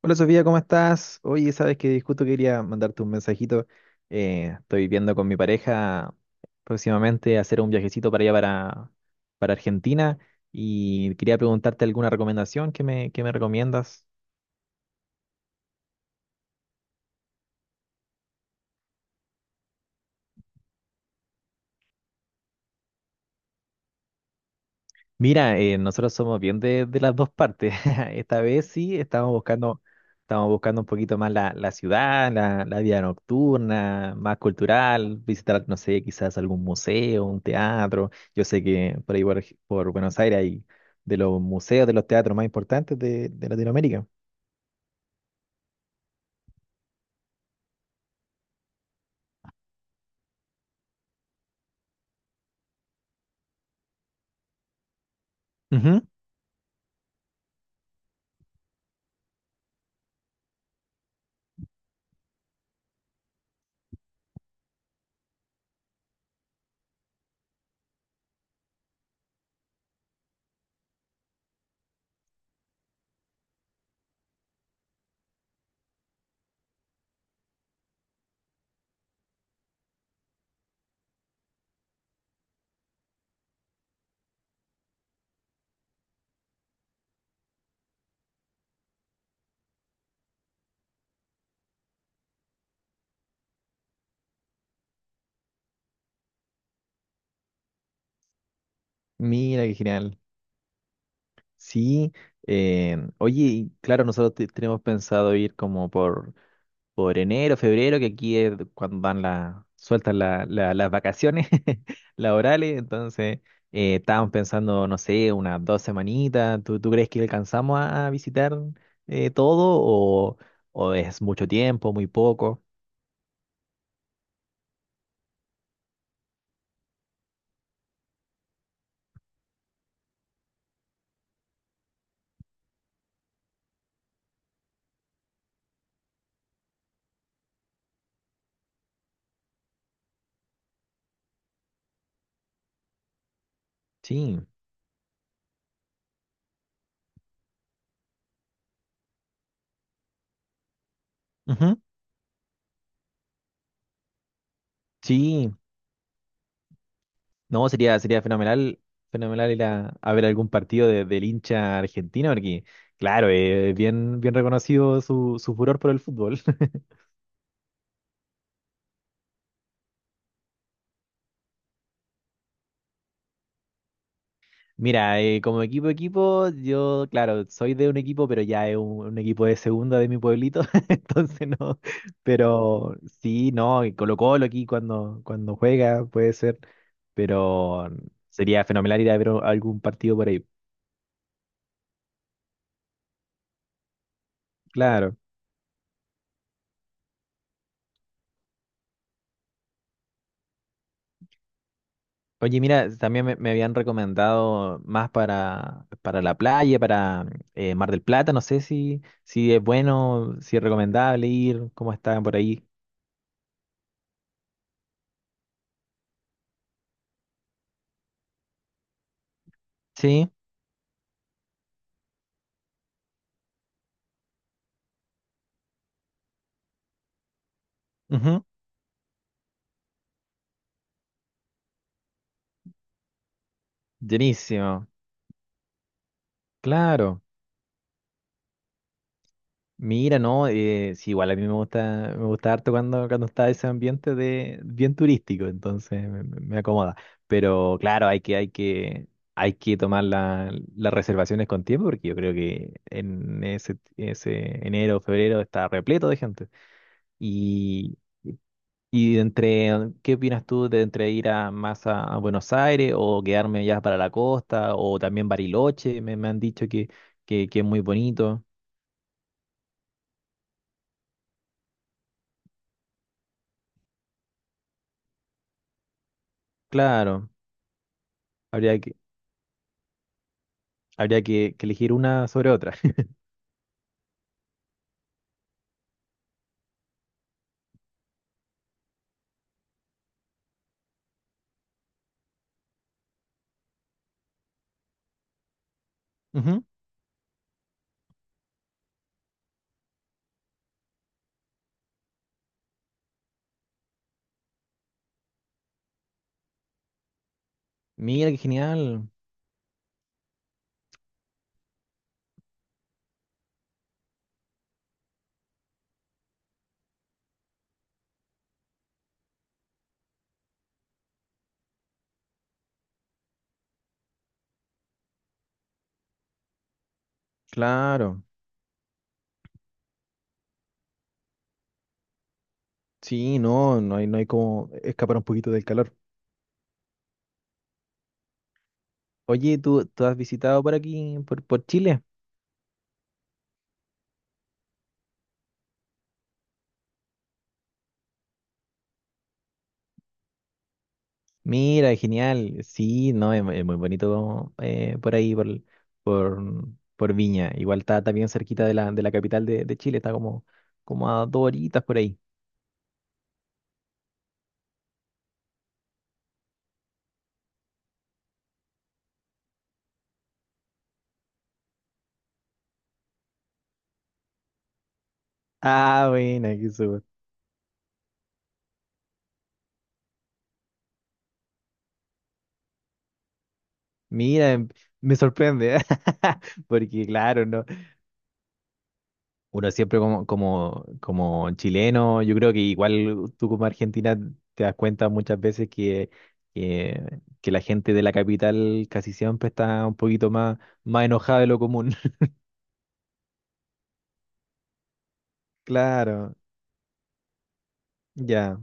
Hola Sofía, ¿cómo estás? Oye, sabes que justo quería mandarte un mensajito. Estoy viendo con mi pareja próximamente hacer un viajecito para allá para Argentina y quería preguntarte alguna recomendación que me recomiendas. Mira, nosotros somos bien de las dos partes. Esta vez sí, estamos buscando un poquito más la ciudad, la vida nocturna, más cultural, visitar, no sé, quizás algún museo, un teatro. Yo sé que por ahí por Buenos Aires hay de los museos, de los teatros más importantes de Latinoamérica. Ujú. Mira, qué genial. Sí, oye, y claro, nosotros tenemos pensado ir como por enero, febrero, que aquí es cuando dan sueltan las vacaciones laborales. Entonces, estábamos pensando, no sé, unas dos semanitas. ¿Tú crees que alcanzamos a visitar, todo, o es mucho tiempo, muy poco? Sí, ujú. Sí, no, sería fenomenal, fenomenal ir a ver algún partido del hincha argentino, porque claro, es bien, bien reconocido su furor por el fútbol. Mira, como equipo equipo, yo, claro, soy de un equipo, pero ya es un equipo de segunda de mi pueblito, entonces no, pero sí. No, y Colo-Colo aquí cuando, juega puede ser, pero sería fenomenal ir a ver algún partido por ahí. Claro. Oye, mira, también me habían recomendado más para la playa, para Mar del Plata. No sé si es bueno, si es recomendable ir, cómo están por ahí. Sí, ujú. Buenísimo. Claro, mira, no, sí, igual a mí me gusta, harto cuando está ese ambiente de bien turístico, entonces me acomoda. Pero claro, hay que tomar las reservaciones con tiempo, porque yo creo que en ese, ese enero o febrero está repleto de gente. Y, y ¿qué opinas tú de entre ir a más a Buenos Aires o quedarme ya para la costa o también Bariloche? Me han dicho que, es muy bonito. Claro. Habría que, Habría que elegir una sobre otra. Ujú. Mira, qué genial. Claro. Sí, no, no hay como escapar un poquito del calor. Oye, ¿tú has visitado por aquí, por Chile? Mira, genial. Sí, no, es muy bonito, por ahí, por, por Viña. Igual está bien cerquita de la capital de Chile, está como a 2 horitas por ahí. Ah, buena, qué súper. Mira, me sorprende, porque claro, no. Uno siempre como chileno, yo creo que igual tú como argentina te das cuenta muchas veces que, la gente de la capital casi siempre está un poquito más enojada de lo común. Claro, ya.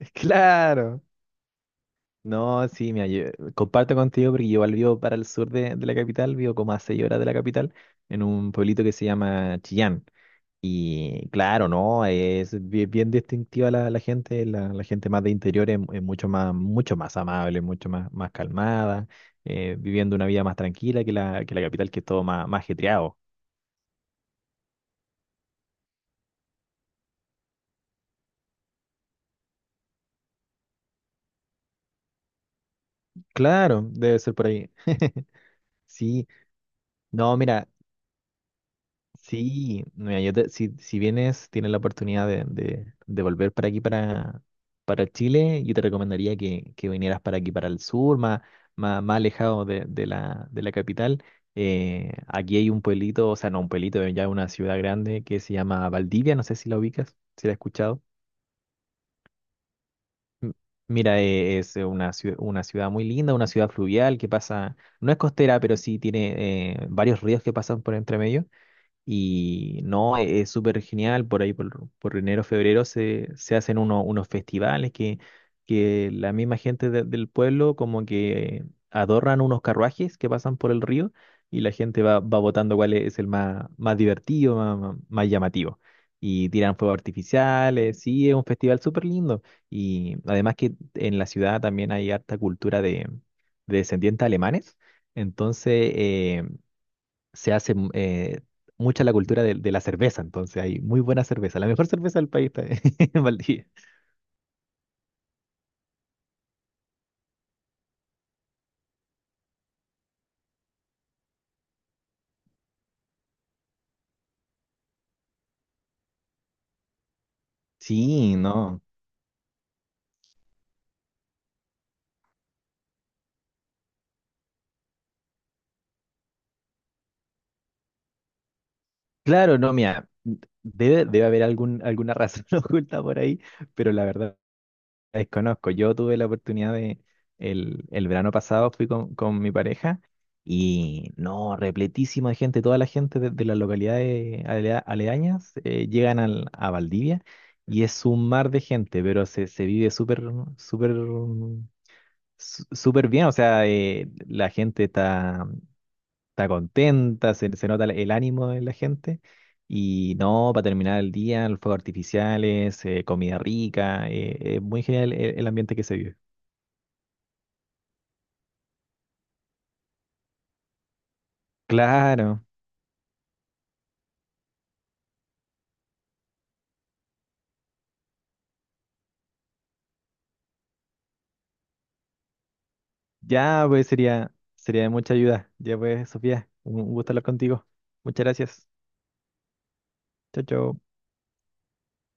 Claro. No, sí, mira, yo comparto contigo porque yo igual vivo para el sur de la capital, vivo como a 6 horas de la capital, en un pueblito que se llama Chillán. Y claro, ¿no? Es bien distintiva la, la, gente, la gente más de interior es mucho más amable, mucho más calmada, viviendo una vida más tranquila que la capital, que es todo más, más ajetreado. Claro, debe ser por ahí. Sí, no, mira. Sí, mira, yo si, vienes, tienes la oportunidad de, de volver para aquí, para Chile, yo te recomendaría que, vinieras para aquí, para el sur, más alejado de, de la capital. Aquí hay un pueblito, o sea, no un pueblito, ya una ciudad grande que se llama Valdivia, no sé si la ubicas, si la has escuchado. M- Mira, es una ciudad muy linda, una ciudad fluvial que pasa, no es costera, pero sí tiene, varios ríos que pasan por entre medio. Y no, es súper genial. Por ahí por, enero, febrero se hacen unos festivales que la misma gente del pueblo como que adornan unos carruajes que pasan por el río, y la gente va, votando cuál es el más, más, divertido, más llamativo. Y tiran fuegos artificiales. Sí, es un festival súper lindo. Y además que en la ciudad también hay harta cultura de, descendientes alemanes. Entonces, se hace, mucha la cultura de la cerveza, entonces hay muy buena cerveza, la mejor cerveza del país está en Valdivia. Sí, no. Claro, no, mira, debe, haber alguna razón oculta por ahí, pero la verdad desconozco. Yo tuve la oportunidad. El verano pasado fui con, mi pareja, y no, repletísima de gente. Toda la gente de las localidades aledañas, llegan a Valdivia. Y es un mar de gente, pero se, vive súper Súper bien. O sea, la gente está, contenta, se nota el ánimo de la gente. Y no, para terminar el día, los fuegos artificiales, comida rica, es muy genial el ambiente que se vive. Claro, ya pues sería, de mucha ayuda. Ya pues, Sofía, un gusto hablar contigo. Muchas gracias. Chao, chao.